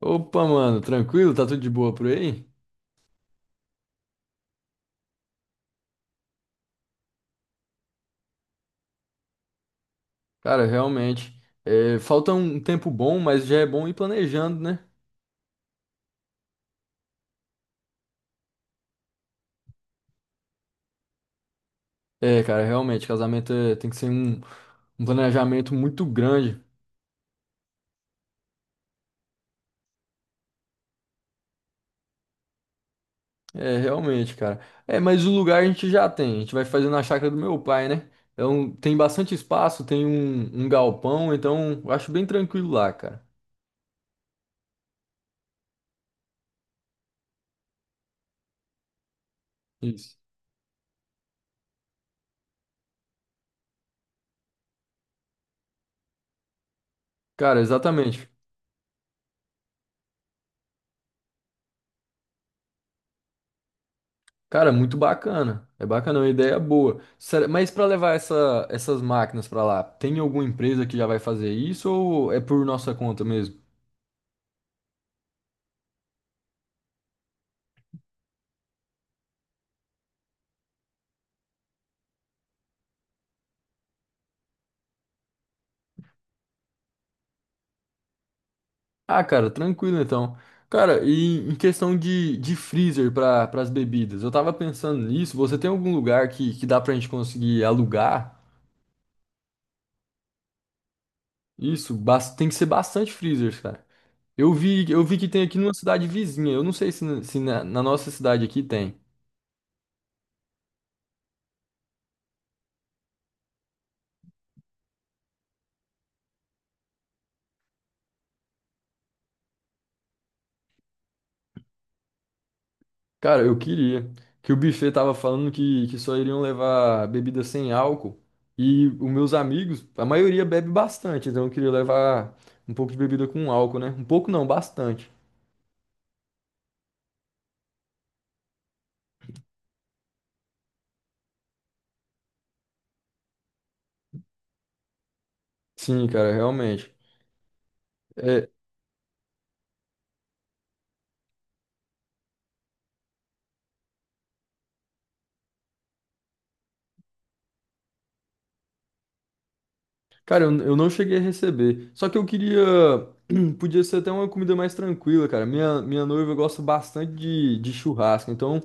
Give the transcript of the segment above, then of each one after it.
Opa, mano, tranquilo? Tá tudo de boa por aí? Cara, realmente. É, falta um tempo bom, mas já é bom ir planejando, né? É, cara, realmente, casamento é- tem que ser um, um planejamento muito grande. É, realmente, cara. É, mas o lugar a gente já tem. A gente vai fazer na chácara do meu pai, né? Então tem bastante espaço, tem um, um galpão, então eu acho bem tranquilo lá, cara. Isso. Cara, exatamente. Cara, muito bacana. É bacana, é uma ideia boa. Será- Mas para levar essa- essas máquinas para lá, tem alguma empresa que já vai fazer isso ou é por nossa conta mesmo? Ah, cara, tranquilo então. Cara, e em questão de, freezer para as bebidas, eu tava pensando nisso. Você tem algum lugar que dá pra gente conseguir alugar? Isso, bas- tem que ser bastante freezers, cara. Eu vi que tem aqui numa cidade vizinha. Eu não sei se, na- se na nossa cidade aqui tem. Cara, eu queria. Que o buffet tava falando que só iriam levar bebida sem álcool. E os meus amigos, a maioria bebe bastante, então eu queria levar um pouco de bebida com álcool, né? Um pouco não, bastante. Sim, cara, realmente. É, cara, eu não cheguei a receber. Só que eu queria. Podia ser até uma comida mais tranquila, cara. Minha noiva gosta bastante de, churrasco. Então,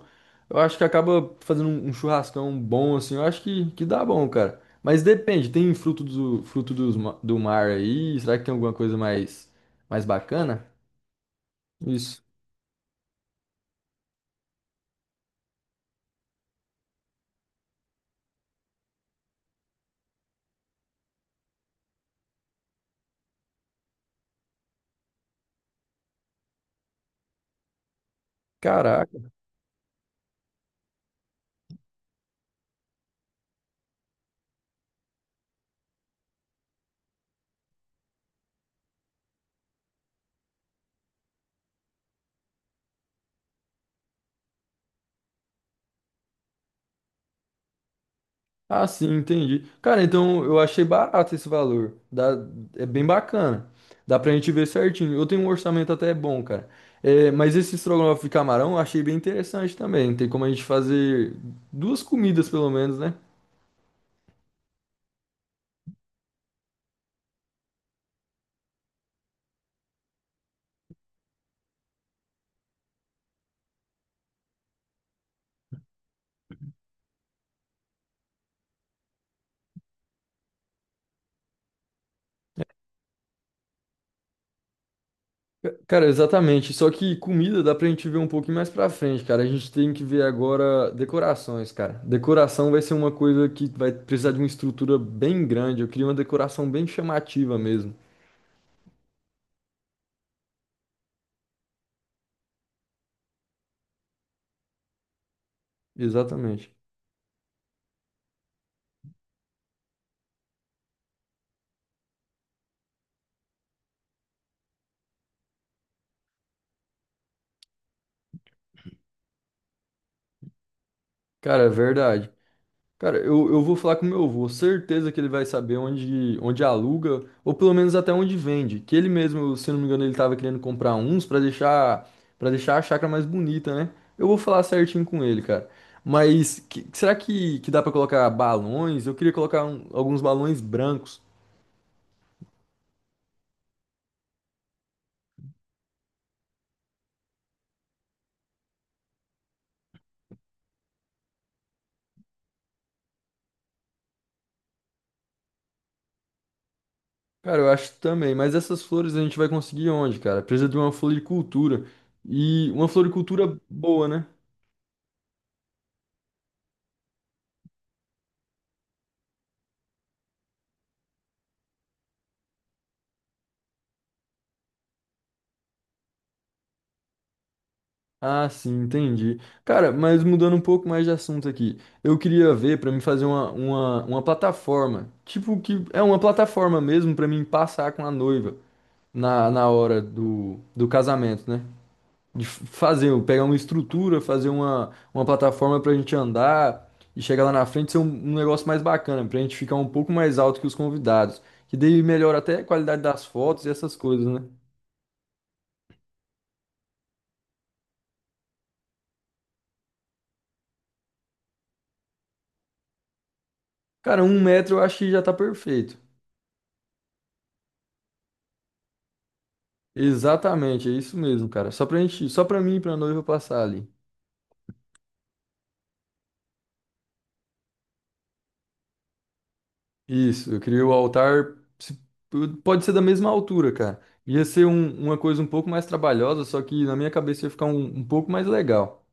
eu acho que acaba fazendo um, um churrascão bom, assim. Eu acho que dá bom, cara. Mas depende, tem fruto do, fruto dos, ma- do mar aí? Será que tem alguma coisa mais, mais bacana? Isso. Caraca. Ah, sim, entendi. Cara, então eu achei barato esse valor. Dá, é bem bacana. Dá pra gente ver certinho. Eu tenho um orçamento até bom, cara. É, mas esse estrogonofe de camarão eu achei bem interessante também. Tem como a gente fazer duas comidas, pelo menos, né? Ca- Cara, exatamente. Só que comida dá pra gente ver um pouquinho mais pra frente, cara. A gente tem que ver agora decorações, cara. Decoração vai ser uma coisa que vai precisar de uma estrutura bem grande. Eu queria uma decoração bem chamativa mesmo. Exatamente. Cara, é verdade. Cara, eu vou falar com meu avô, certeza que ele vai saber onde, onde aluga, ou pelo menos até onde vende. Que ele mesmo, se não me engano, ele tava querendo comprar uns pra deixar para deixar a chácara mais bonita, né? Eu vou falar certinho com ele, cara. Mas que- será que dá pra colocar balões? Eu queria colocar um- alguns balões brancos. Cara, eu acho também, mas essas flores a gente vai conseguir onde, cara? Precisa de uma floricultura. E uma floricultura boa, né? Ah, sim, entendi. Cara, mas mudando um pouco mais de assunto aqui, eu queria ver pra mim fazer uma plataforma, tipo que é uma plataforma mesmo pra mim passar com a noiva na, hora do, do casamento, né? De f- fazer, pegar uma estrutura, fazer uma plataforma pra gente andar e chegar lá na frente ser um, um negócio mais bacana, pra gente ficar um pouco mais alto que os convidados, que daí melhora até a qualidade das fotos e essas coisas, né? Cara, um metro eu acho que já tá perfeito. Exatamente, é isso mesmo, cara. Só pra gente, só pra mim e pra noiva passar ali. Isso, eu queria o altar, se- pode ser da mesma altura, cara. Ia ser um- uma coisa um pouco mais trabalhosa, só que na minha cabeça ia ficar um, um pouco mais legal.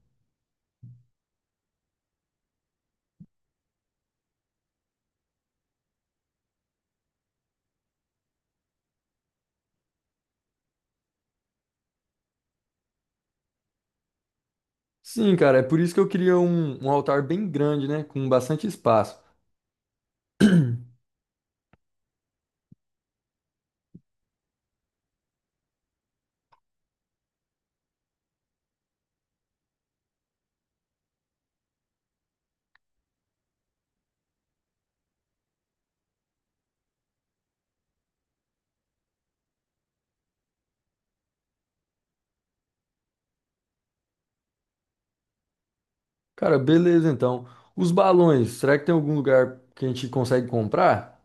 Sim, cara, é por isso que eu queria um, um altar bem grande, né? Com bastante espaço. Cara, beleza então. Os balões, será que tem algum lugar que a gente consegue comprar?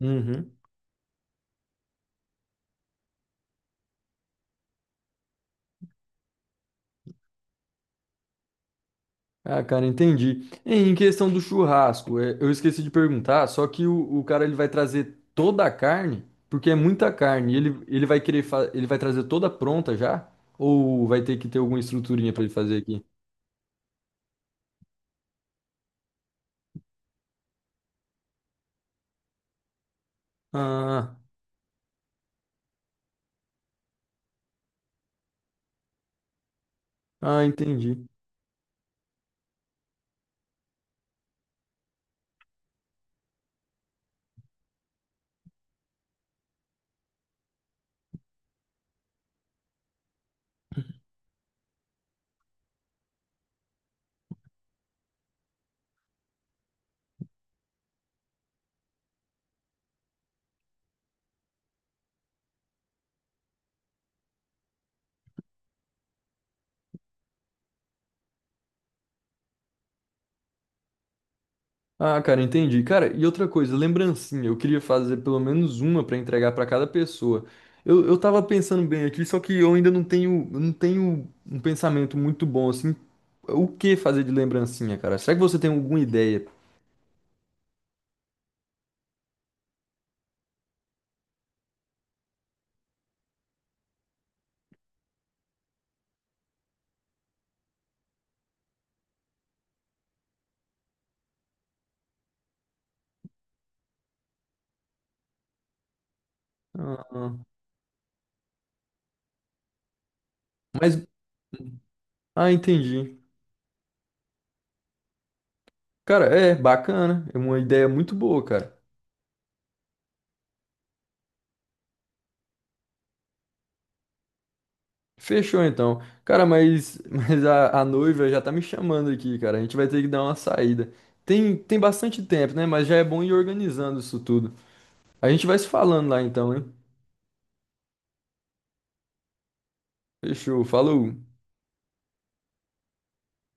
Uhum. Ah, cara, entendi. Em questão do churrasco, é, eu esqueci de perguntar, só que o cara ele vai trazer toda a carne, porque é muita carne, e ele vai querer fa- ele vai trazer toda pronta já? Ou vai ter que ter alguma estruturinha pra ele fazer aqui? Ah, ah, entendi. Ah, cara, entendi. Cara, e outra coisa, lembrancinha. Eu queria fazer pelo menos uma pra entregar pra cada pessoa. Eu tava pensando bem aqui, só que eu ainda não tenho, não tenho um pensamento muito bom assim. O que fazer de lembrancinha, cara? Será que você tem alguma ideia? Ah, ah. Mas, ah, entendi. Cara, é bacana. É uma ideia muito boa, cara. Fechou então. Cara, mas, mas a noiva já tá me chamando aqui, cara. A gente vai ter que dar uma saída. Tem bastante tempo, né? Mas já é bom ir organizando isso tudo. A gente vai se falando lá então, hein? Fechou, falou.